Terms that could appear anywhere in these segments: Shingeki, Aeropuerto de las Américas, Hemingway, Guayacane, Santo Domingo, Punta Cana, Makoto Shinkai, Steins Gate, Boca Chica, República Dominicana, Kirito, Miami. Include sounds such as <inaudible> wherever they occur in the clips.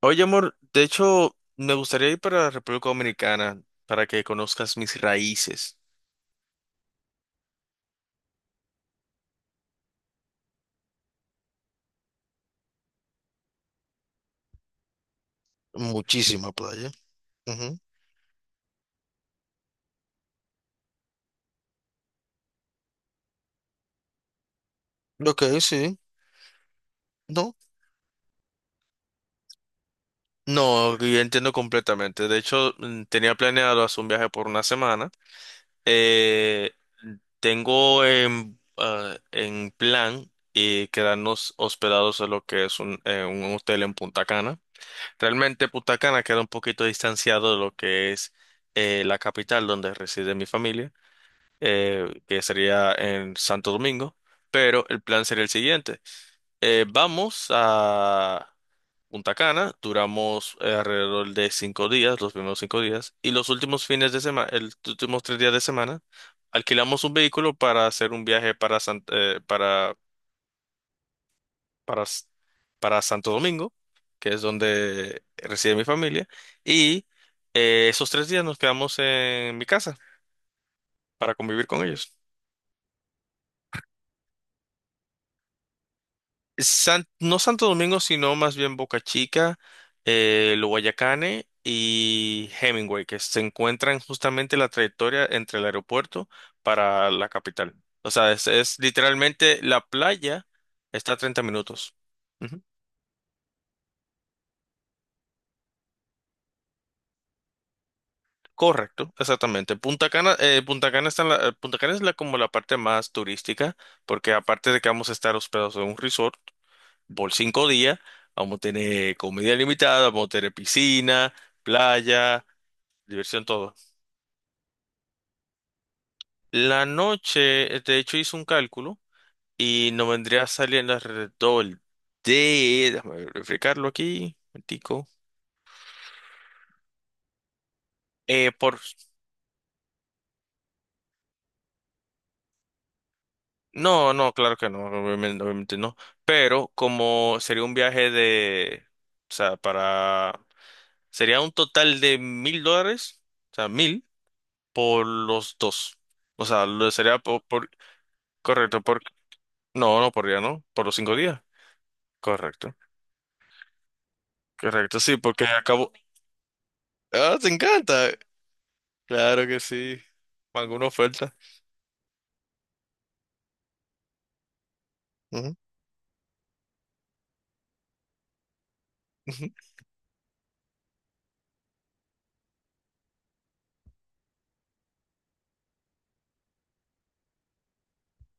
Oye, amor, de hecho, me gustaría ir para la República Dominicana para que conozcas mis raíces. Muchísima playa. Ujú. Ok, sí. No. No, yo entiendo completamente. De hecho, tenía planeado hacer un viaje por una semana. Eh, Tengo en plan quedarnos hospedados en lo que es un hotel en Punta Cana. Realmente Punta Cana queda un poquito distanciado de lo que es la capital donde reside mi familia, que sería en Santo Domingo, pero el plan sería el siguiente. Vamos a Punta Cana, duramos alrededor de 5 días, los primeros 5 días, y los últimos fines de semana, los últimos 3 días de semana, alquilamos un vehículo para hacer un viaje para, San- para, S- para Santo Domingo, que es donde reside mi familia, y esos 3 días nos quedamos en mi casa para convivir con ellos. No Santo Domingo, sino más bien Boca Chica, el Guayacane y Hemingway, que se encuentran justamente la trayectoria entre el aeropuerto para la capital. O sea, es literalmente la playa está a 30 minutos. Ujú. Correcto, exactamente. Punta Cana está Punta Cana es la, como la parte más turística, porque aparte de que vamos a estar hospedados en un resort por 5 días, vamos a tener comida limitada, vamos a tener piscina, playa, diversión, todo. La noche, de hecho, hice un cálculo y nos vendría saliendo alrededor de. Déjame verificarlo aquí, un tico. Por. No, no, claro que no, obviamente, obviamente no. Pero como sería un viaje de. O sea, para. Sería un total de $1000, o sea, 1000 por los dos. O sea, lo sería por, correcto, por, no, no por día, ¿no? Por los 5 días. Correcto. Correcto, sí, porque acabo. Ah, te encanta. Claro que sí. ¿Alguna oferta? Ujú, ujú.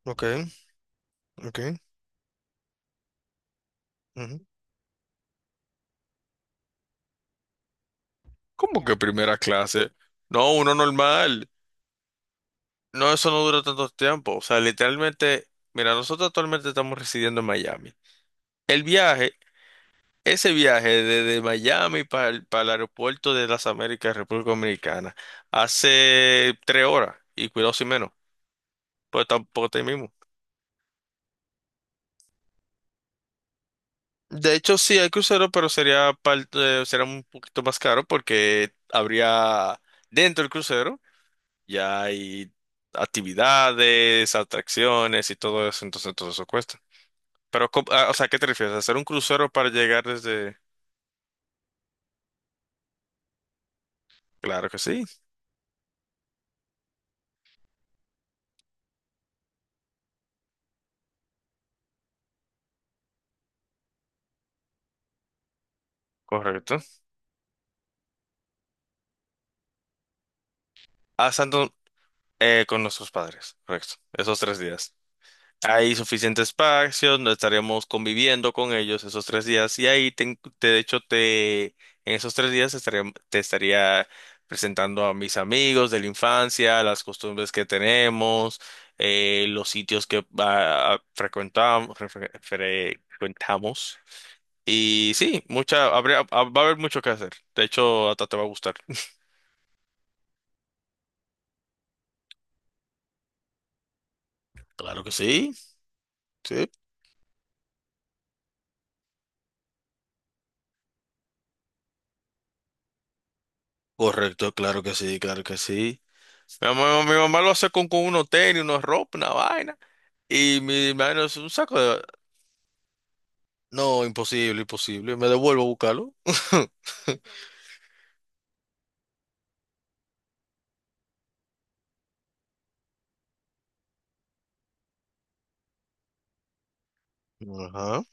Ok, ok. Ujú. ¿Cómo que primera clase? No, uno normal. No, eso no dura tanto tiempo. O sea, literalmente, mira, nosotros actualmente estamos residiendo en Miami. El viaje, ese viaje desde Miami para el aeropuerto de las Américas, República Dominicana, hace 3 horas y cuidado si menos, pues tampoco está ahí mismo. De hecho, sí, hay crucero, pero sería un poquito más caro porque habría dentro del crucero ya hay actividades, atracciones y todo eso, entonces todo eso cuesta. Pero, o sea, ¿qué te refieres? ¿Hacer un crucero para llegar desde? Claro que sí, correcto. A Santo, con nuestros padres, correcto. Esos tres días. Hay suficiente espacio, no estaremos conviviendo con ellos esos 3 días y ahí de hecho te en esos 3 días te estaría presentando a mis amigos de la infancia, las costumbres que tenemos, los sitios que frecuentamos y sí, va a haber mucho que hacer. De hecho, hasta te va a gustar. <laughs> Claro que sí. Sí. Correcto, claro que sí, claro que sí. Mi mamá lo hace con unos tenis, unos ropa, una vaina. Y mi hermano es un saco de. No, imposible, imposible. Me devuelvo a buscarlo. <laughs> Ajá.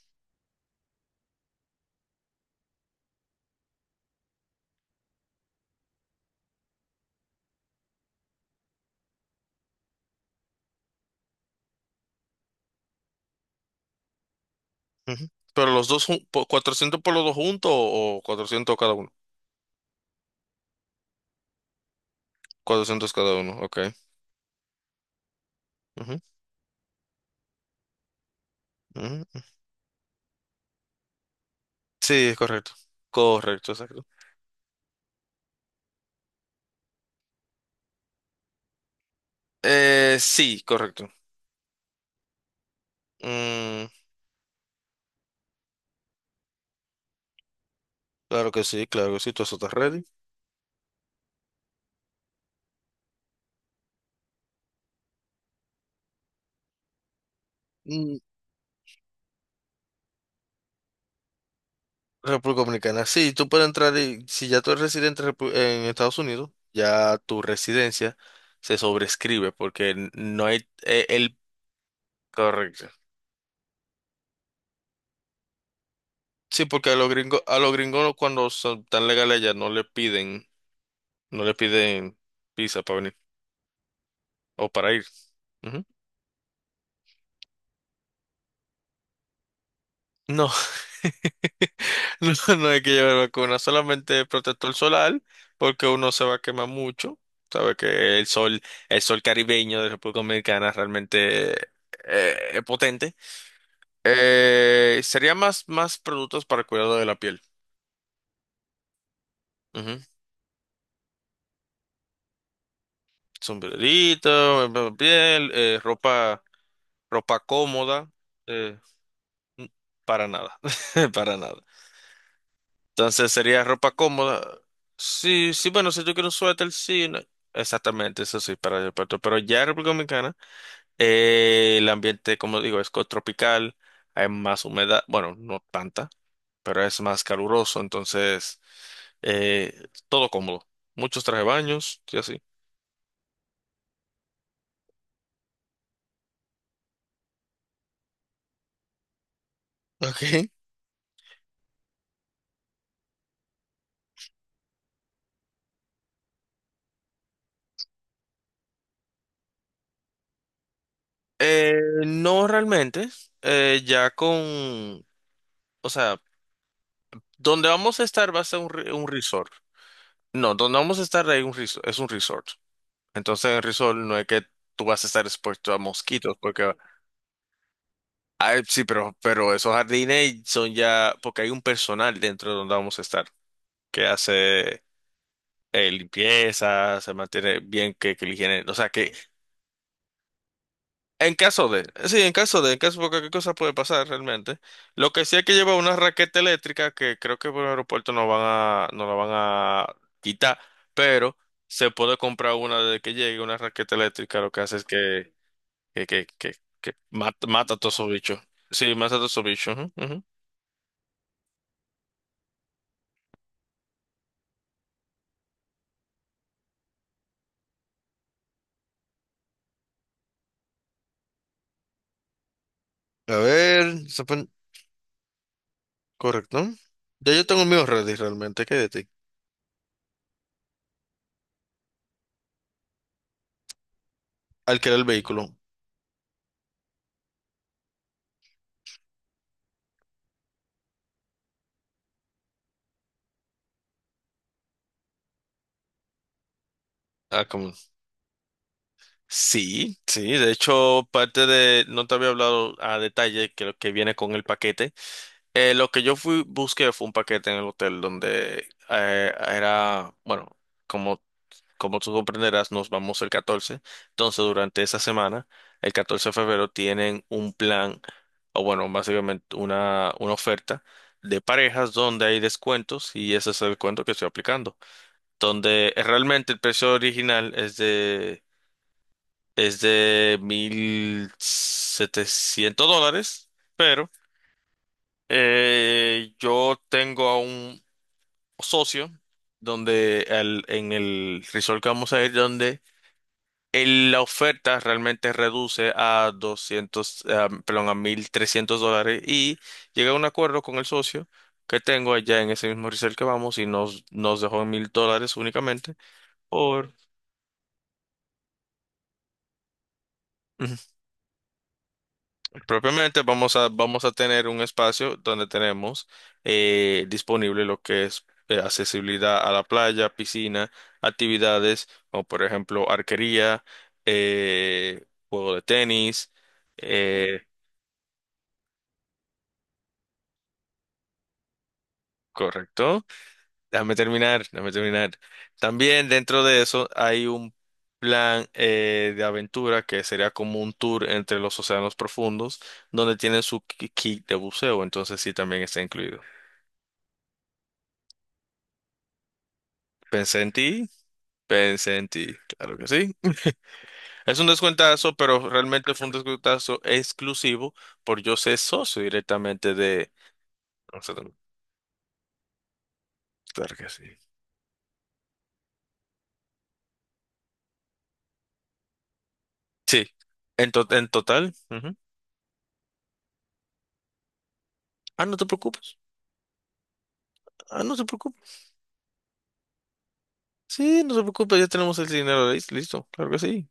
Ujú. Pero los dos, 400 por los dos juntos o 400 cada uno. Cuatrocientos cada uno, ok. Ujú, ujú. Sí, es correcto. Correcto, exacto. Sí, correcto. Mm, claro que sí, claro que sí, todo eso está ready. República Dominicana. Sí, tú puedes entrar y si ya tú eres residente en Estados Unidos, ya tu residencia se sobrescribe porque no hay el. Correcto. Sí, porque a los gringos cuando son tan legales allá no le piden visa para venir o para ir. Ujú. No, <laughs> no, no hay que llevar vacuna, solamente protector solar, porque uno se va a quemar mucho. Sabe que el sol caribeño de República Dominicana realmente es potente. Sería más productos para cuidado de la piel. Ujú. Sombrerito, piel, ropa cómoda. eh, n- para nada, <laughs> para nada. Entonces sería ropa cómoda. Sí, sí, bueno, si yo quiero un suéter, sí. Exactamente, eso sí, para el aeropuerto. Pero ya en República Dominicana, el ambiente, como digo, es tropical, hay más humedad, bueno, no tanta, pero es más caluroso, entonces todo cómodo. Muchos traje baños y así. Ok. Eh, no realmente, ya con, o sea, donde vamos a estar va a ser un resort. No, donde vamos a estar es un resort. Entonces en el resort no es que tú vas a estar expuesto a mosquitos, porque ay, sí, pero esos jardines son ya, porque hay un personal dentro de donde vamos a estar que hace limpieza, se mantiene bien que la higiene, o sea que en caso de, sí, en caso de cualquier cosa puede pasar realmente. Lo que sí hay que llevar una raqueta eléctrica que creo que por el aeropuerto no la van a quitar, pero se puede comprar una desde que llegue, una raqueta eléctrica, lo que hace es que, que, que, que mata a todos esos bichos. Sí, mata a todos esos bichos. Ujú, ujú. A ver, correcto. Ya yo tengo el mío ready realmente, ¿qué hay de ti? Alquilar el vehículo. Ah, como. Sí, sí, de hecho, parte de, no te había hablado a detalle que lo que viene con el paquete. Lo que yo busqué fue un paquete en el hotel donde era, bueno, como, como tú comprenderás, nos vamos el 14. Entonces, durante esa semana, el 14 de febrero, tienen un plan, o bueno, básicamente una oferta de parejas donde hay descuentos y ese es el descuento que estoy aplicando. Donde realmente el precio original es de $1700, pero yo tengo a un socio donde en el resort que vamos a ir, donde la oferta realmente reduce a 200, perdón, a $1300 y llegué a un acuerdo con el socio que tengo allá en ese mismo resort que vamos y nos dejó en $1000 únicamente por. Propiamente vamos a tener un espacio donde tenemos disponible lo que es accesibilidad a la playa, piscina, actividades como por ejemplo arquería, eh, juego de tenis. eh, Correcto. Déjame terminar, déjame terminar. También dentro de eso hay un plan de aventura que sería como un tour entre los océanos profundos donde tienen su kit de buceo, entonces sí también está incluido. Pensé en ti. Pensé en ti, claro que sí. Es un descuentazo, pero realmente fue un descuentazo exclusivo por yo ser socio directamente de. Vamos a tomar- Claro que sí. Sí, en total. Ujú. Ah, no te preocupes. Ah, no te preocupes. Sí, no te preocupes, ya tenemos el dinero listo. Claro que sí.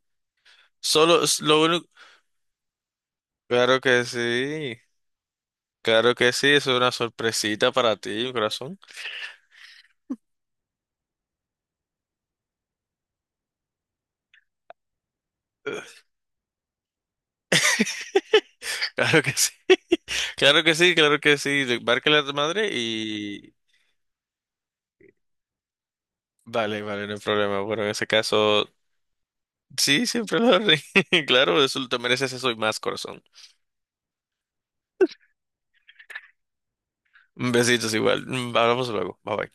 Solo es lo único. Claro que sí. Claro que sí, eso es una sorpresita para ti, mi corazón. <laughs> Claro que sí. <laughs> Claro que sí, claro que sí. Marca la madre y. Vale, vale, no hay problema. Bueno, en ese caso, sí, siempre lo haré. <laughs> Claro, eso te mereces eso y más, corazón. Besitos igual. Hablamos luego. Bye bye.